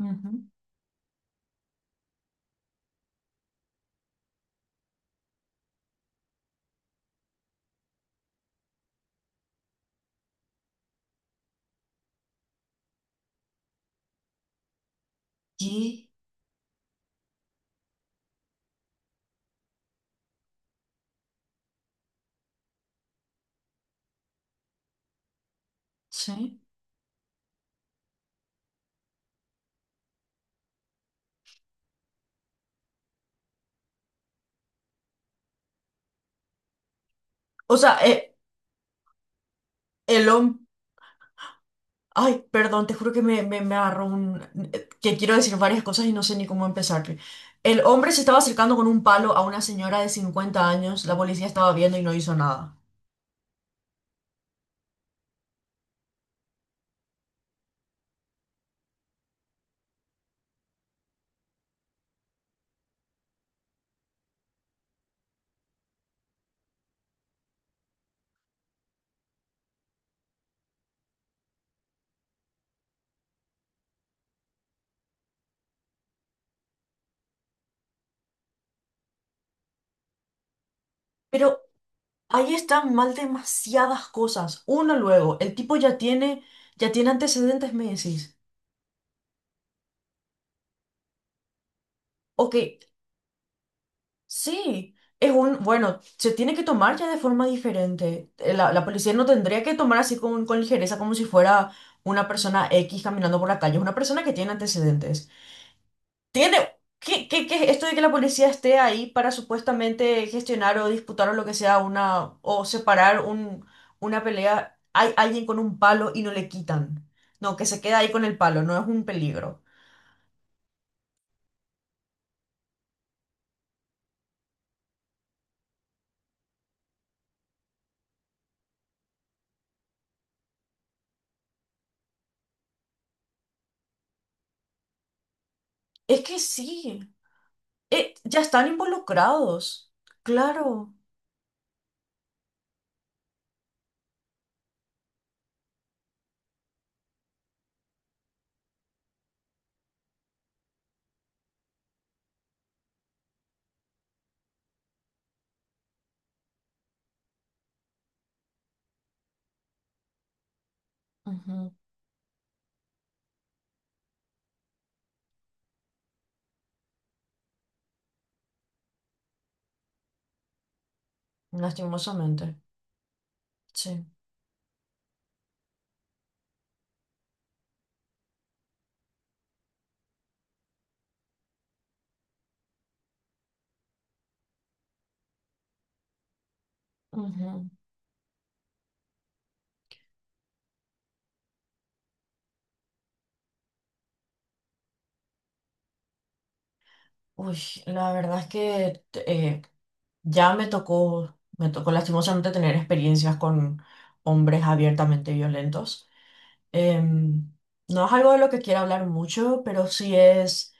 Ujú. Sí. O sea, el hombre... Ay, perdón, te juro que me agarró un... que quiero decir varias cosas y no sé ni cómo empezar. El hombre se estaba acercando con un palo a una señora de 50 años, la policía estaba viendo y no hizo nada. Pero ahí están mal demasiadas cosas. Uno luego, el tipo ya tiene antecedentes, me decís. Ok. Sí, es un, bueno, se tiene que tomar ya de forma diferente. La policía no tendría que tomar así con ligereza como si fuera una persona X caminando por la calle, es una persona que tiene antecedentes. Tiene, ¿qué es esto de que la policía esté ahí para supuestamente gestionar o disputar o lo que sea o separar una pelea? Hay alguien con un palo y no le quitan. No, que se queda ahí con el palo, no es un peligro. Es que sí, ya están involucrados, claro. Ujú. Lastimosamente, sí. Ujú. Uy, la verdad es que me tocó lastimosamente tener experiencias con hombres abiertamente violentos. Em, no es algo de lo que quiera hablar mucho, pero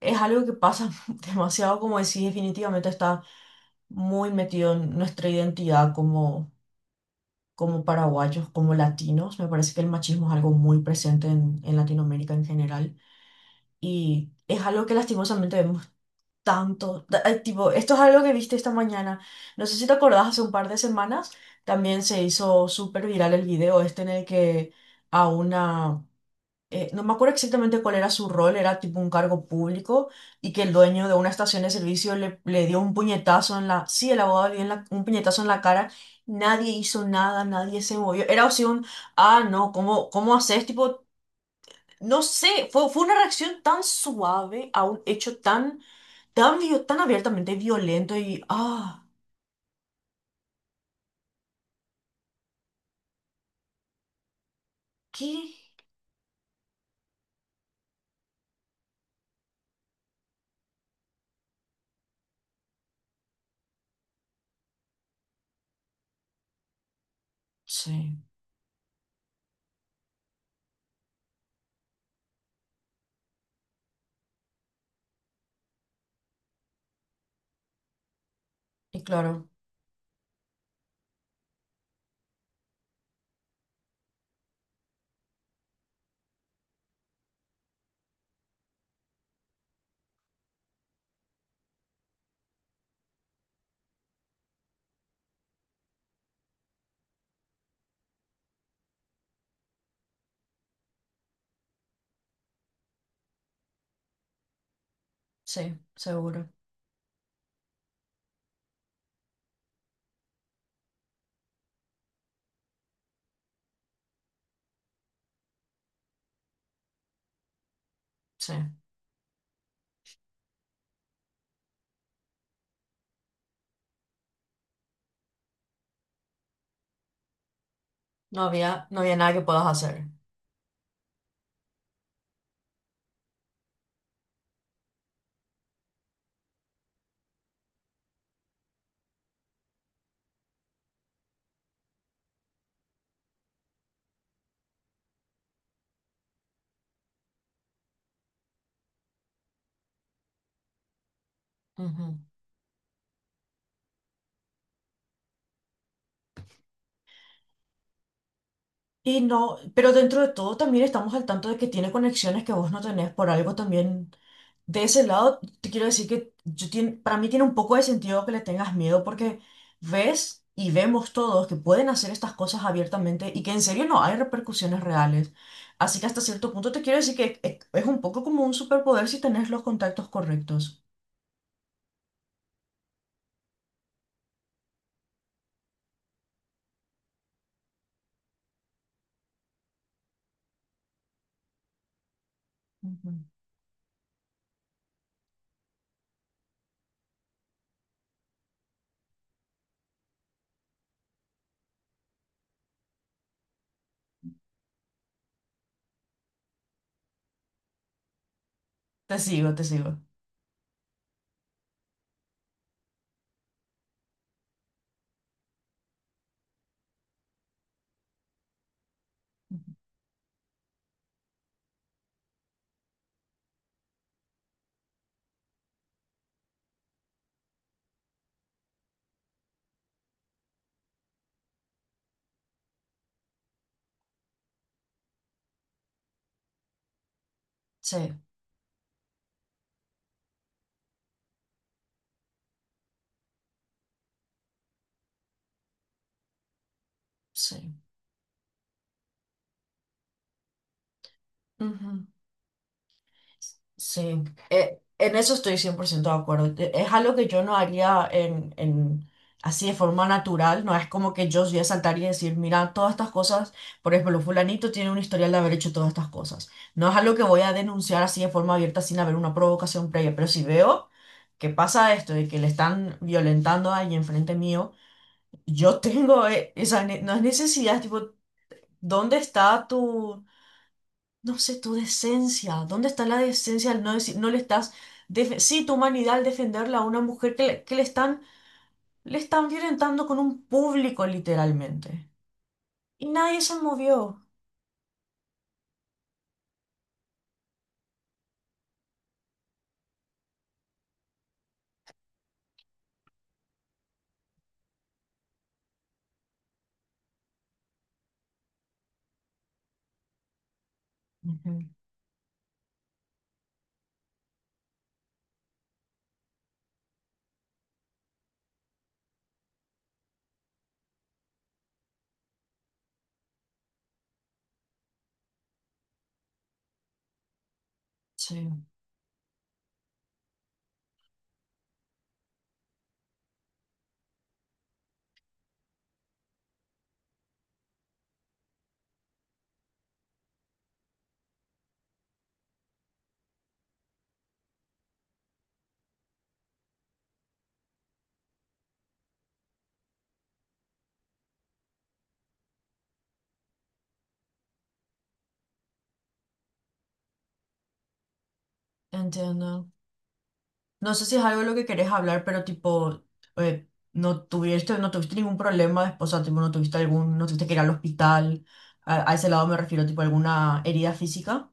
es algo que pasa demasiado, como decís, definitivamente está muy metido en nuestra identidad como, como paraguayos, como latinos. Me parece que el machismo es algo muy presente en Latinoamérica en general. Y es algo que lastimosamente vemos tanto. Tipo, esto es algo que viste esta mañana. No sé si te acordás, hace un par de semanas también se hizo súper viral el video este en el que a una... no me acuerdo exactamente cuál era su rol, era tipo un cargo público y que el dueño de una estación de servicio le dio un puñetazo en la... Sí, el abogado le dio un puñetazo en la cara. Nadie hizo nada, nadie se movió. Era así un... Ah, no, ¿cómo haces? Tipo, no sé, fue una reacción tan suave a un hecho tan, tan abiertamente violento y, ah, ¿qué? Sí, y claro, sí, seguro, sí. No había nada que puedas hacer. Ujú. Y no, pero dentro de todo también estamos al tanto de que tiene conexiones que vos no tenés por algo también. De ese lado, te quiero decir que para mí tiene un poco de sentido que le tengas miedo porque ves y vemos todos que pueden hacer estas cosas abiertamente y que en serio no hay repercusiones reales. Así que hasta cierto punto te quiero decir que es un poco como un superpoder si tenés los contactos correctos. Ujú. Te sigo, te sigo. Sí, sí. Ujú. Sí, en eso estoy 100% de acuerdo. Es algo que yo no haría así de forma natural, no es como que yo voy a saltar y decir, mira, todas estas cosas, por ejemplo, fulanito tiene un historial de haber hecho todas estas cosas. No es algo que voy a denunciar así de forma abierta sin haber una provocación previa, pero si veo que pasa esto de que le están violentando ahí enfrente mío, yo tengo no es necesidad, tipo, ¿dónde está tu... No sé tu decencia. ¿Dónde está la decencia al no decir, no le estás, def- sí, tu humanidad al defenderla a una mujer que le están violentando con un público, literalmente? Y nadie se movió. Ujú. Sí, entiendo. No sé si es algo de lo que querés hablar, pero tipo, eh, no tuviste ningún problema después, o sea, tipo, no tuviste que ir al hospital. A ese lado me refiero, tipo, alguna herida física.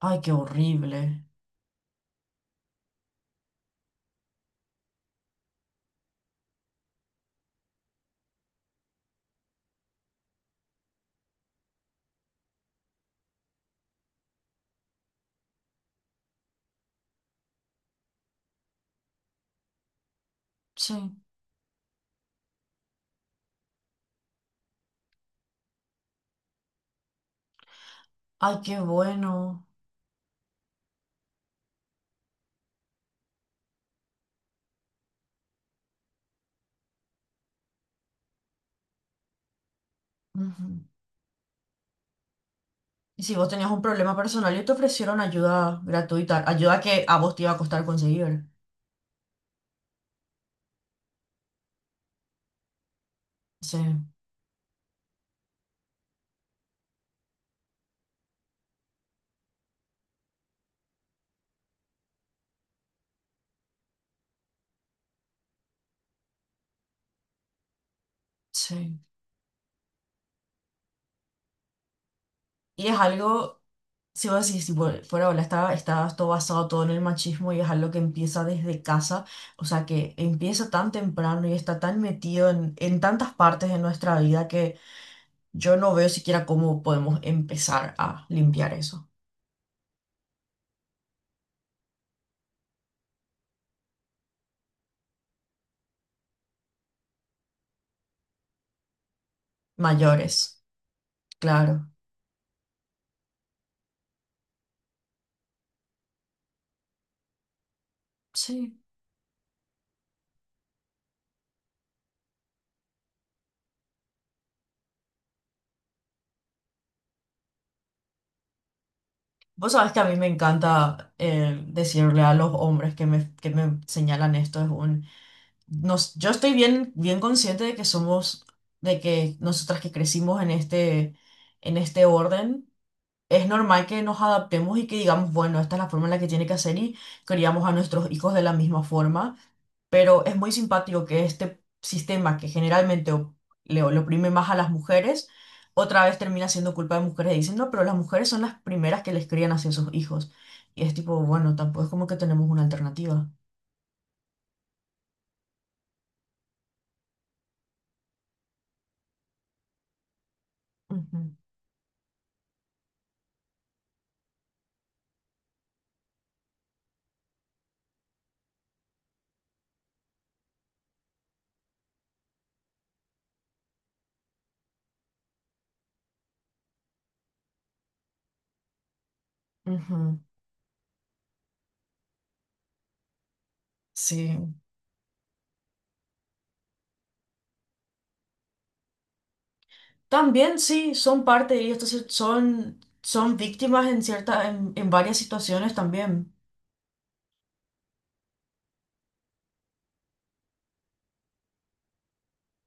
Ay, qué horrible. Sí. Ay, qué bueno. Ujú. Y si vos tenías un problema personal y te ofrecieron ayuda gratuita, ayuda que a vos te iba a costar conseguir. Sí, sí. Y es algo, si vos decís, tipo, fuera, hola, está todo basado todo en el machismo y es algo que empieza desde casa, o sea, que empieza tan temprano y está tan metido en tantas partes de nuestra vida que yo no veo siquiera cómo podemos empezar a limpiar eso. Mayores, claro. Sí. Vos sabés que a mí me encanta decirle a los hombres que me señalan esto. Es un, nos, yo estoy bien, bien consciente de que somos, de que nosotras que crecimos en este orden. Es normal que nos adaptemos y que digamos, bueno, esta es la forma en la que tiene que hacer y criamos a nuestros hijos de la misma forma, pero es muy simpático que este sistema que le oprime más a las mujeres, otra vez termina siendo culpa de mujeres y dicen, no, pero las mujeres son las primeras que les crían hacia sus hijos. Y es tipo, bueno, tampoco es como que tenemos una alternativa. Ujú, ujú, sí. También sí, son parte y estos son, son víctimas en cierta, en varias situaciones también.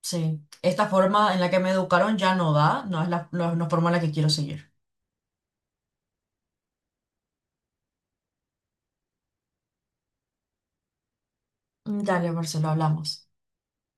Sí, esta forma en la que me educaron ya no da, no es forma en la que quiero seguir. Dale, Marcelo, hablamos.